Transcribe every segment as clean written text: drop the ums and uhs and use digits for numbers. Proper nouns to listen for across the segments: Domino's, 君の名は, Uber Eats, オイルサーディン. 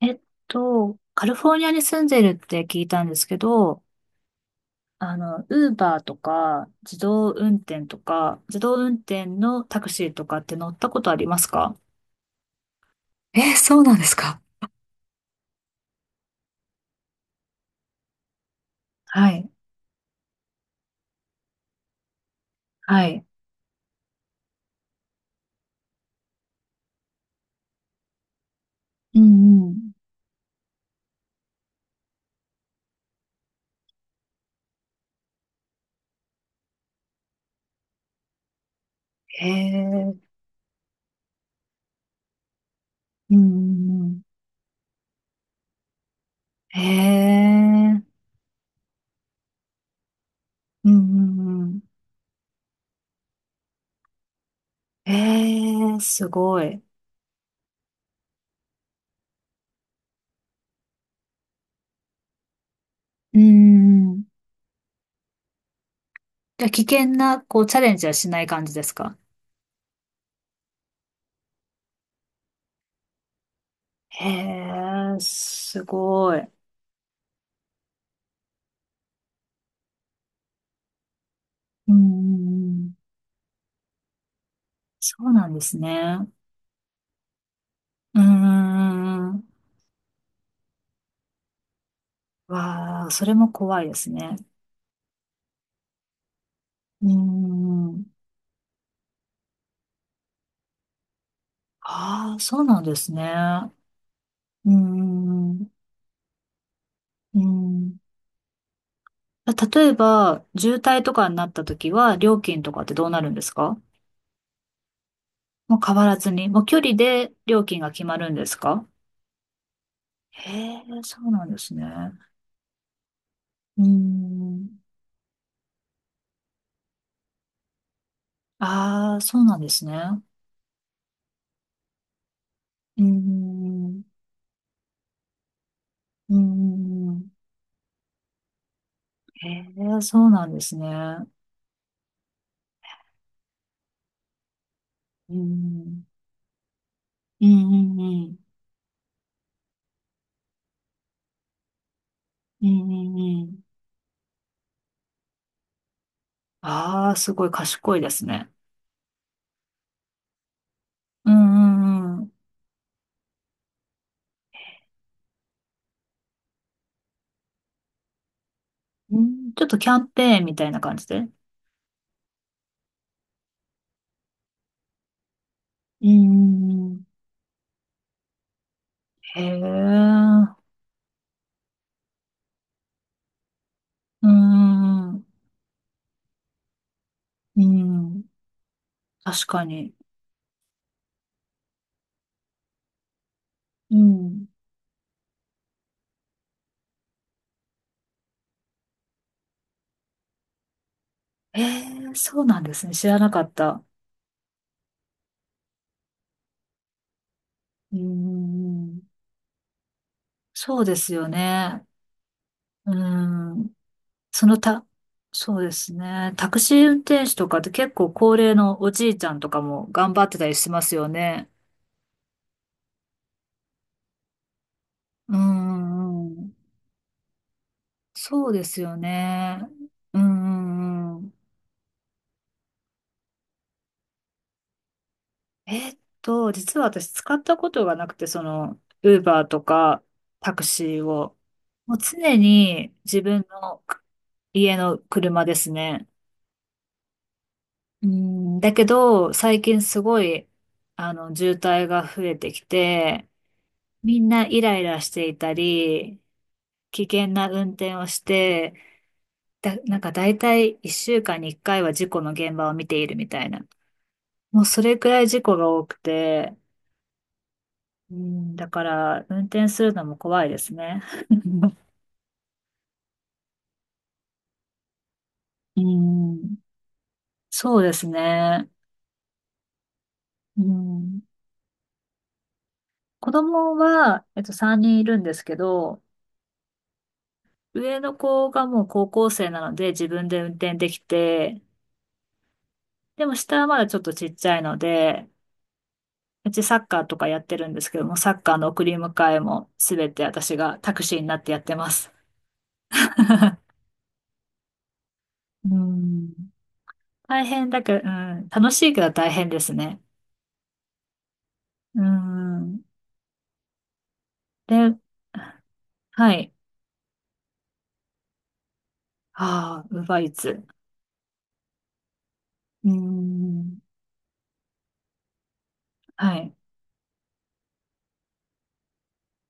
えっカリフォルニアに住んでるって聞いたんですけど、ウーバーとか、自動運転とか、自動運転のタクシーとかって乗ったことありますか？そうなんですか。はい。はい。うんうん。へえ。うんうんうん。へえ。うんうんうん。へえ、すごい。うんうんうん。じゃあ、危険な、こう、チャレンジはしない感じですか？へえ、すごい。うんうんうん。そうなんですね。うーん。わあ、それも怖いですね。うーん。ああ、そうなんですね。うーん。うーん。例えば、渋滞とかになった時は、料金とかってどうなるんですか？もう変わらずに、もう距離で料金が決まるんですか？へえ、そうなんですね。うーん。ああ、そうなんですね。うーん。うーん。へえ、そうなんですね。うーん。うんうんうん。うんうんうん。ああ、すごい賢いですね。うんうんうん。うん、ちょっとキャンペーンみたいな感じで。うんうんうん。へえ。うんうんうん。うん。確かに。うん。へえ、そうなんですね。知らなかった。うんうんうん。そうですよね。うん。そのた、そうですね。タクシー運転手とかって結構高齢のおじいちゃんとかも頑張ってたりしますよね。うんうん。そうですよね。うんうんうん。実は私使ったことがなくて、ウーバーとかタクシーを。もう常に自分の家の車ですね。うん、だけど、最近すごい、渋滞が増えてきて、みんなイライラしていたり、危険な運転をして、なんか大体1週間に1回は事故の現場を見ているみたいな。もうそれくらい事故が多くて、うん、だから運転するのも怖いですね。うん、そうですね。うん、子供は、3人いるんですけど、上の子がもう高校生なので自分で運転できて、でも下はまだちょっとちっちゃいので、うちサッカーとかやってるんですけども、サッカーの送り迎えもすべて私がタクシーになってやってます。うん。大変だけど、うん。楽しいけど大変ですね。うん。で、はい。ああ、ウーバーイーツ。うーん。はい。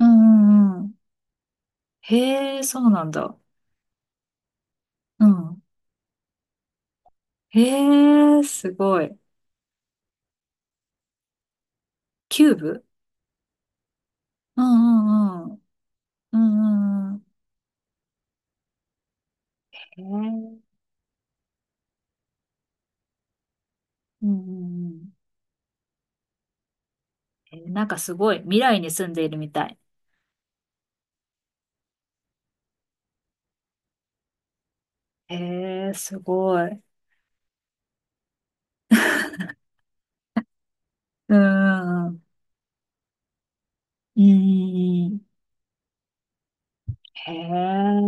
うんうんうん。へえ、そうなんだ。うん。へえ、すごい。キューブ、うんうんうん。うんうんうん。へえ。うんうんうん。えー、なんかすごい。未来に住んでいるみたい。へえ、すごい。うんうんうん。うんうんうん。へ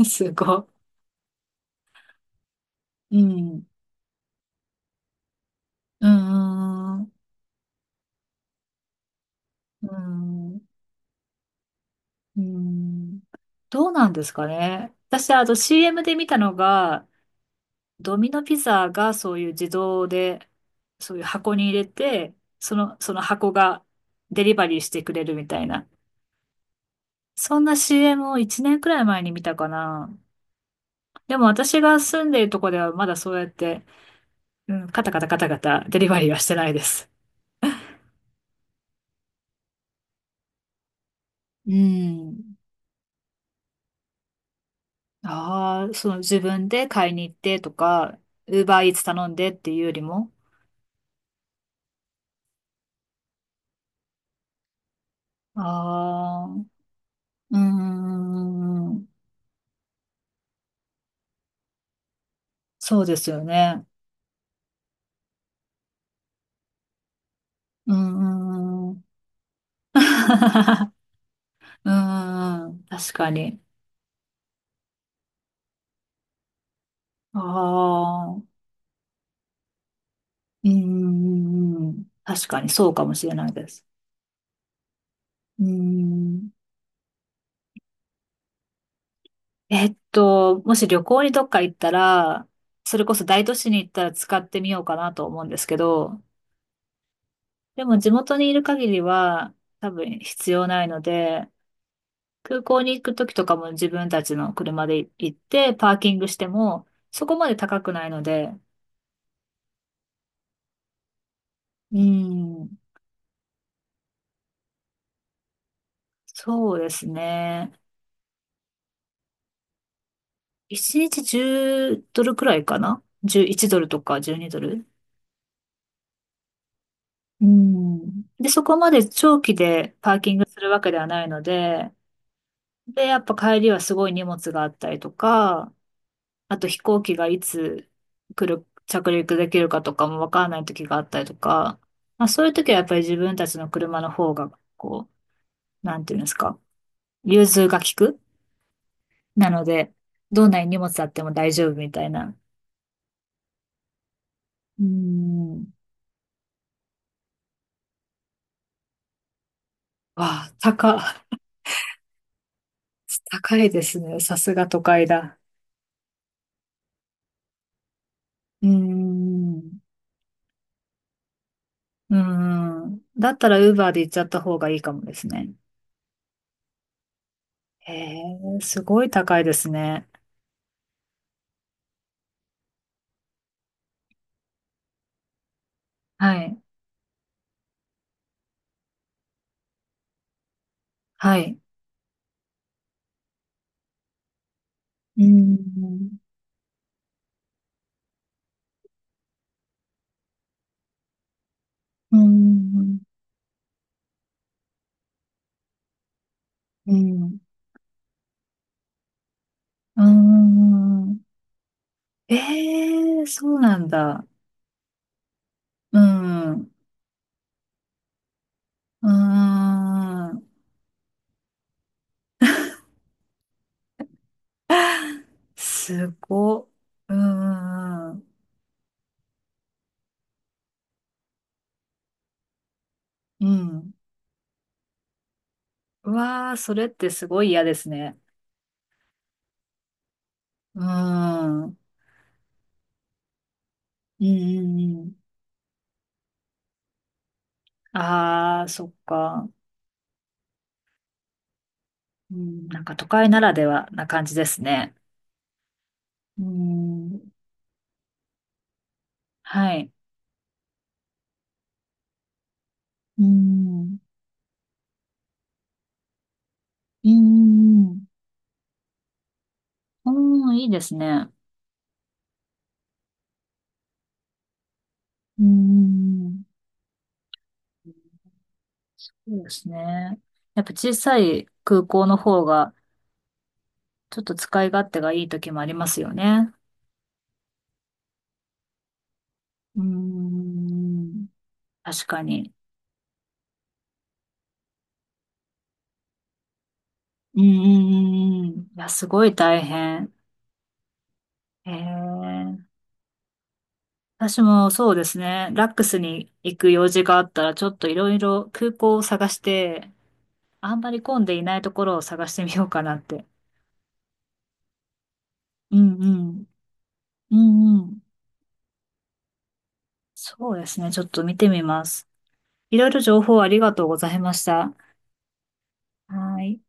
え、すごい。うん。うん。うん。うん。どうなんですかね。私、あの CM で見たのが、ドミノピザがそういう自動で、そういう箱に入れて、その箱がデリバリーしてくれるみたいな。そんな CM を1年くらい前に見たかな。でも私が住んでいるとこではまだそうやって、うん、カタカタカタカタデリバリーはしてないです。うん。ああ、その自分で買いに行ってとか、ウーバーイーツ頼んでっていうよりも。ああ、うーん、そうですよね。うーん、うーん、確かに。ああ、うーん、確かにそうかもしれないです。うーん、もし旅行にどっか行ったら、それこそ大都市に行ったら使ってみようかなと思うんですけど、でも地元にいる限りは多分必要ないので、空港に行く時とかも自分たちの車で行ってパーキングしてもそこまで高くないので、うん、そうですね。1日10ドルくらいかな？ 11 ドルとか12ドル。うん。で、そこまで長期でパーキングするわけではないので、で、やっぱ帰りはすごい荷物があったりとか、あと飛行機がいつ来る、着陸できるかとかもわからない時があったりとか、まあ、そういう時はやっぱり自分たちの車の方が、こう、なんていうんですか、融通が利くなので、どんなに荷物あっても大丈夫みたいな。うーん。わあ、高いですね。さすが都会だ。うーん。うーん。だったら Uber で行っちゃった方がいいかもですね。へえ、すごい高いですね。はい。はい。うーん。うん、うん、うん。ええー、そうなんだ。うん、うん。すごうん、うん。うん、うわあ、それってすごい嫌ですね。うん、うん、うんうん。ああ、そっか。うん、なんか都会ならではな感じですね。うん、はい。うん、うん、うん。うん、いいですね。うん。そうですね。やっぱ小さい空港の方が、ちょっと使い勝手がいい時もありますよね。うーん。確かに。うんうんうんうん。いや、すごい大変。ええ、私もそうですね。ラックスに行く用事があったら、ちょっといろいろ空港を探して、あんまり混んでいないところを探してみようかなって。うんうん。うんうん。そうですね。ちょっと見てみます。いろいろ情報ありがとうございました。はい。